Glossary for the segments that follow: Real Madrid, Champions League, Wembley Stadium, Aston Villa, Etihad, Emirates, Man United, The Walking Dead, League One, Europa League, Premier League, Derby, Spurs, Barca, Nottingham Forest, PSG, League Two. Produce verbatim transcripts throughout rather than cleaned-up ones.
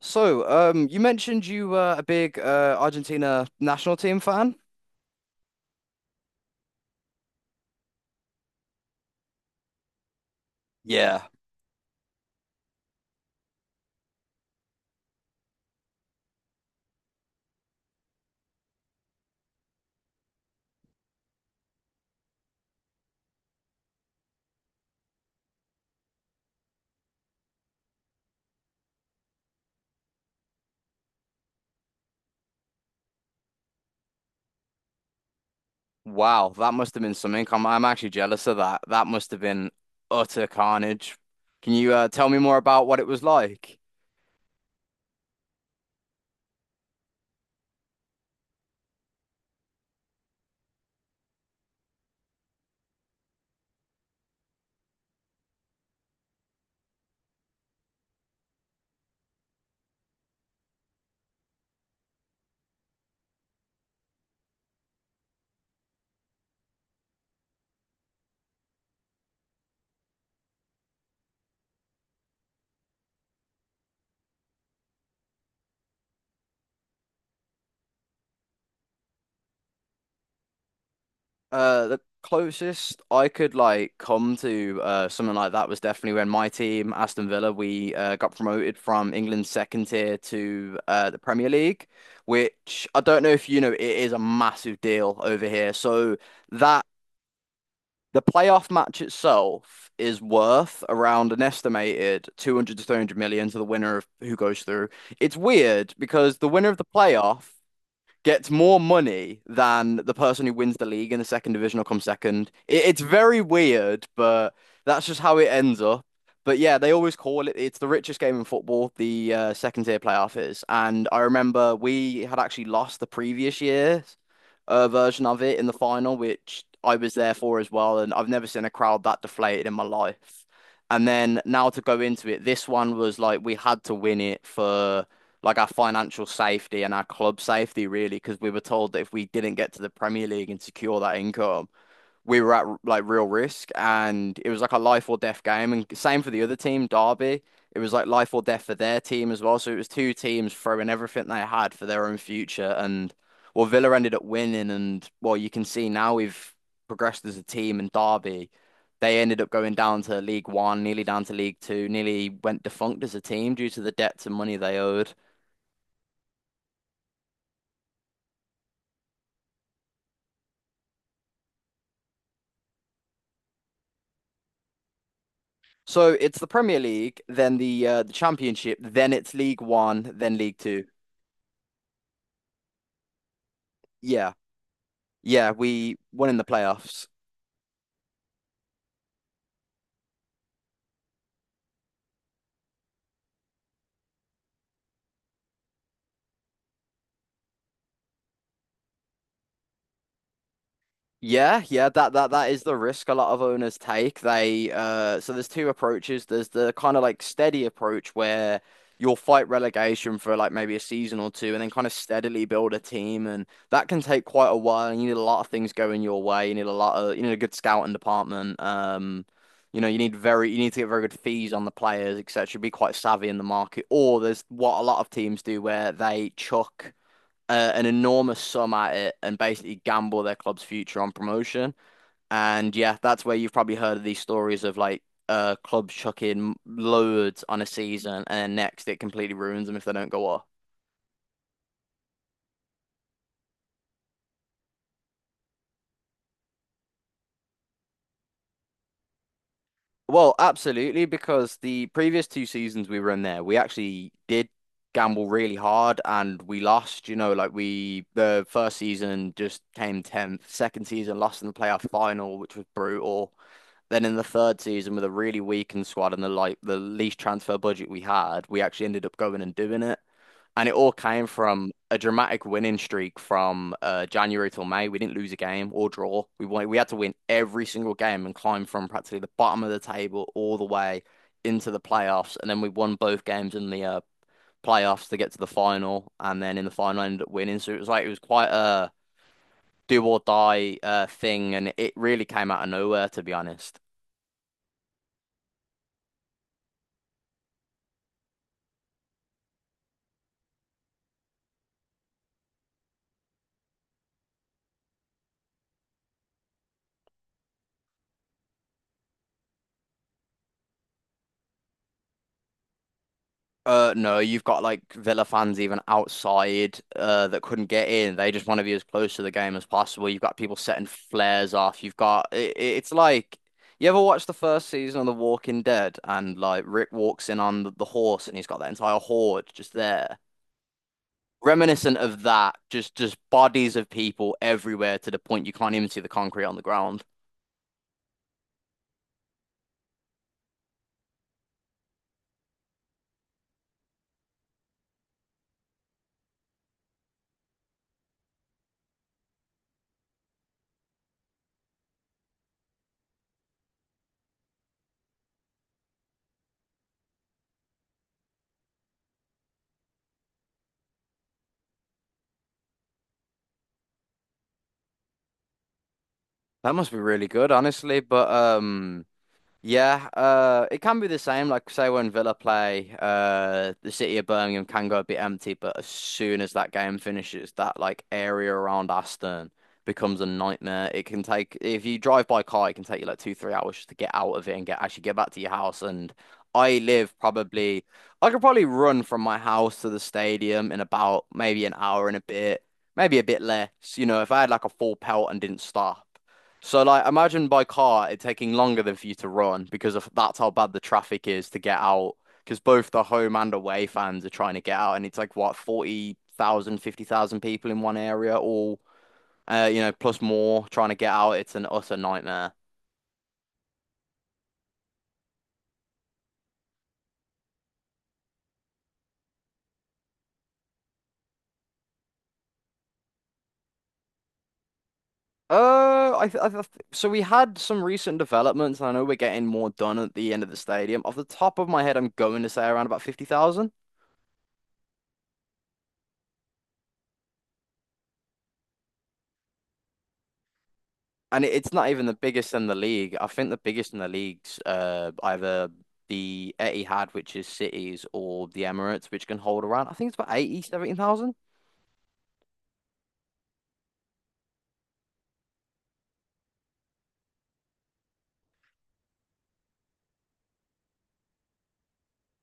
So, um, you mentioned you were a big uh, Argentina national team fan. Yeah. Wow, that must have been some income. I'm actually jealous of that. That must have been utter carnage. Can you uh, tell me more about what it was like? Uh, the closest I could like come to uh, something like that was definitely when my team, Aston Villa, we uh, got promoted from England's second tier to uh, the Premier League, which I don't know if you know, it is a massive deal over here. So. That The playoff match itself is worth around an estimated two hundred to three hundred million to the winner of who goes through. It's weird because the winner of the playoff gets more money than the person who wins the league in the second division or comes second. It, it's very weird, but that's just how it ends up. But yeah, they always call it it's the richest game in football, the uh, second tier playoff is. And I remember we had actually lost the previous year's uh, version of it in the final, which I was there for as well. And I've never seen a crowd that deflated in my life. And then now to go into it, this one was like we had to win it for like our financial safety and our club safety, really, because we were told that if we didn't get to the Premier League and secure that income, we were at like real risk. And it was like a life or death game. And same for the other team, Derby. It was like life or death for their team as well. So it was two teams throwing everything they had for their own future. And well, Villa ended up winning. And well, you can see now we've progressed as a team. And Derby, they ended up going down to League One, nearly down to League Two, nearly went defunct as a team due to the debts and money they owed. So it's the Premier League, then the uh, the Championship, then it's League One, then League Two. Yeah, yeah, we won in the playoffs. Yeah, yeah, that that that is the risk a lot of owners take. They uh so there's two approaches. There's the kind of like steady approach where you'll fight relegation for like maybe a season or two and then kind of steadily build a team, and that can take quite a while and you need a lot of things going your way. You need a lot of you need a good scouting department. Um you know, you need very you need to get very good fees on the players, et cetera. Be quite savvy in the market. Or there's what a lot of teams do where they chuck uh, an enormous sum at it and basically gamble their club's future on promotion. And yeah, that's where you've probably heard of these stories of like uh clubs chucking loads on a season and next it completely ruins them if they don't go up. Well, absolutely, because the previous two seasons we were in there, we actually did gamble really hard and we lost, you know, like we the first season just came tenth, second season lost in the playoff final, which was brutal. Then in the third season, with a really weakened squad and the like the least transfer budget we had, we actually ended up going and doing it. And it all came from a dramatic winning streak from uh, January till May. We didn't lose a game or draw. We won we had to win every single game and climb from practically the bottom of the table all the way into the playoffs. And then we won both games in the uh, playoffs to get to the final, and then in the final ended up winning. So it was like it was quite a do or die uh, thing, and it really came out of nowhere, to be honest. Uh, no, you've got like Villa fans even outside uh that couldn't get in. They just want to be as close to the game as possible. You've got people setting flares off. You've got it, it's like you ever watched the first season of The Walking Dead and like Rick walks in on the, the horse and he's got that entire horde just there. Reminiscent of that, just just bodies of people everywhere to the point you can't even see the concrete on the ground. That must be really good, honestly. But um. Yeah, uh, it can be the same. Like say when Villa play, uh, the city of Birmingham can go a bit empty, but as soon as that game finishes, that like area around Aston becomes a nightmare. It can take if you drive by car, it can take you like two, three hours just to get out of it and get actually get back to your house. And I live probably, I could probably run from my house to the stadium in about maybe an hour and a bit, maybe a bit less. You know, if I had like a full pelt and didn't stop. So like imagine by car it taking longer than for you to run because of that's how bad the traffic is to get out because both the home and away fans are trying to get out and it's like what forty thousand fifty thousand people in one area all uh you know plus more trying to get out it's an utter nightmare. Uh I th I th So we had some recent developments and I know we're getting more done at the end of the stadium. Off the top of my head I'm going to say around about fifty thousand. And it- it's not even the biggest in the league. I think the biggest in the league's uh, either the Etihad, which is cities, or the Emirates, which can hold around, I think it's about eighty, seventy thousand.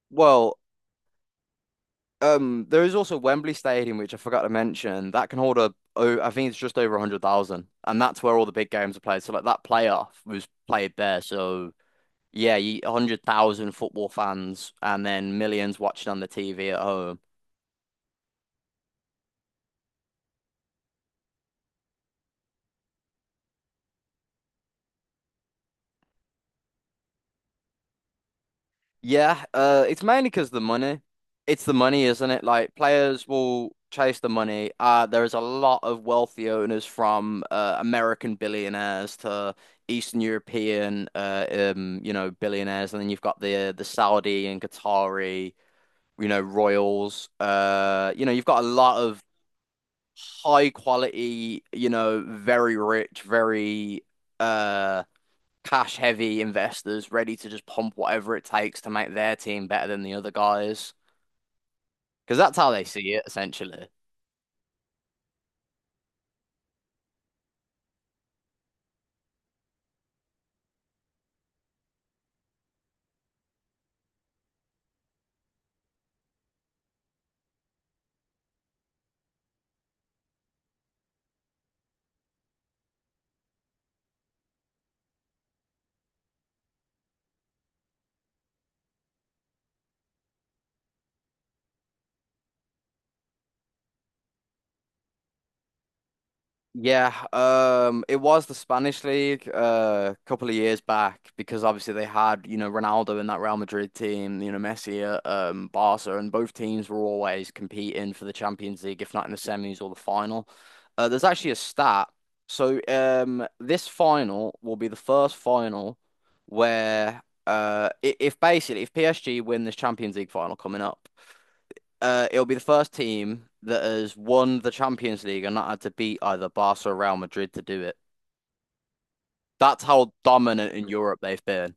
Well, um, there is also Wembley Stadium, which I forgot to mention, that can hold a, oh, I think it's just over a hundred thousand. And that's where all the big games are played. So, like, that playoff was played there. So, yeah, you, a hundred thousand football fans and then millions watching on the T V at home. Yeah, uh, it's mainly because the money. It's the money, isn't it? Like players will chase the money. Uh, there is a lot of wealthy owners from uh, American billionaires to Eastern European, uh, um, you know, billionaires, and then you've got the the Saudi and Qatari, you know, royals. Uh, you know, you've got a lot of high quality, you know, very rich, very uh cash heavy investors ready to just pump whatever it takes to make their team better than the other guys because that's how they see it essentially. Yeah, um, it was the Spanish league uh, a couple of years back because obviously they had, you know, Ronaldo in that Real Madrid team, you know, Messi at um, Barca, and both teams were always competing for the Champions League, if not in the semis or the final. Uh, there's actually a stat. So um, this final will be the first final where uh, i- if basically if P S G win this Champions League final coming up, uh, it'll be the first team that has won the Champions League and not had to beat either Barca or Real Madrid to do it. That's how dominant in Europe they've been.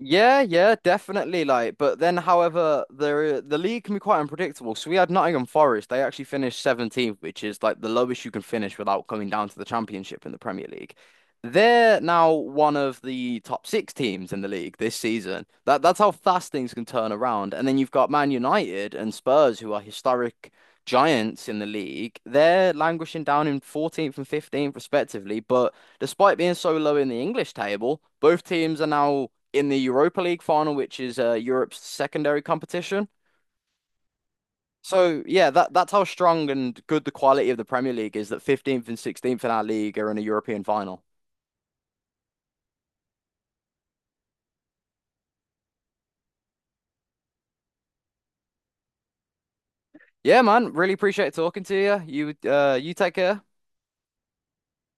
Yeah, yeah, definitely. Like, but then, however, the the league can be quite unpredictable. So we had Nottingham Forest. They actually finished seventeenth, which is like the lowest you can finish without coming down to the championship in the Premier League. They're now one of the top six teams in the league this season. That that's how fast things can turn around. And then you've got Man United and Spurs, who are historic giants in the league. They're languishing down in fourteenth and fifteenth respectively. But despite being so low in the English table, both teams are now in the Europa League final, which is uh, Europe's secondary competition. So yeah, that that's how strong and good the quality of the Premier League is that fifteenth and sixteenth in our league are in a European final. Yeah, man, really appreciate talking to you. You uh you take care.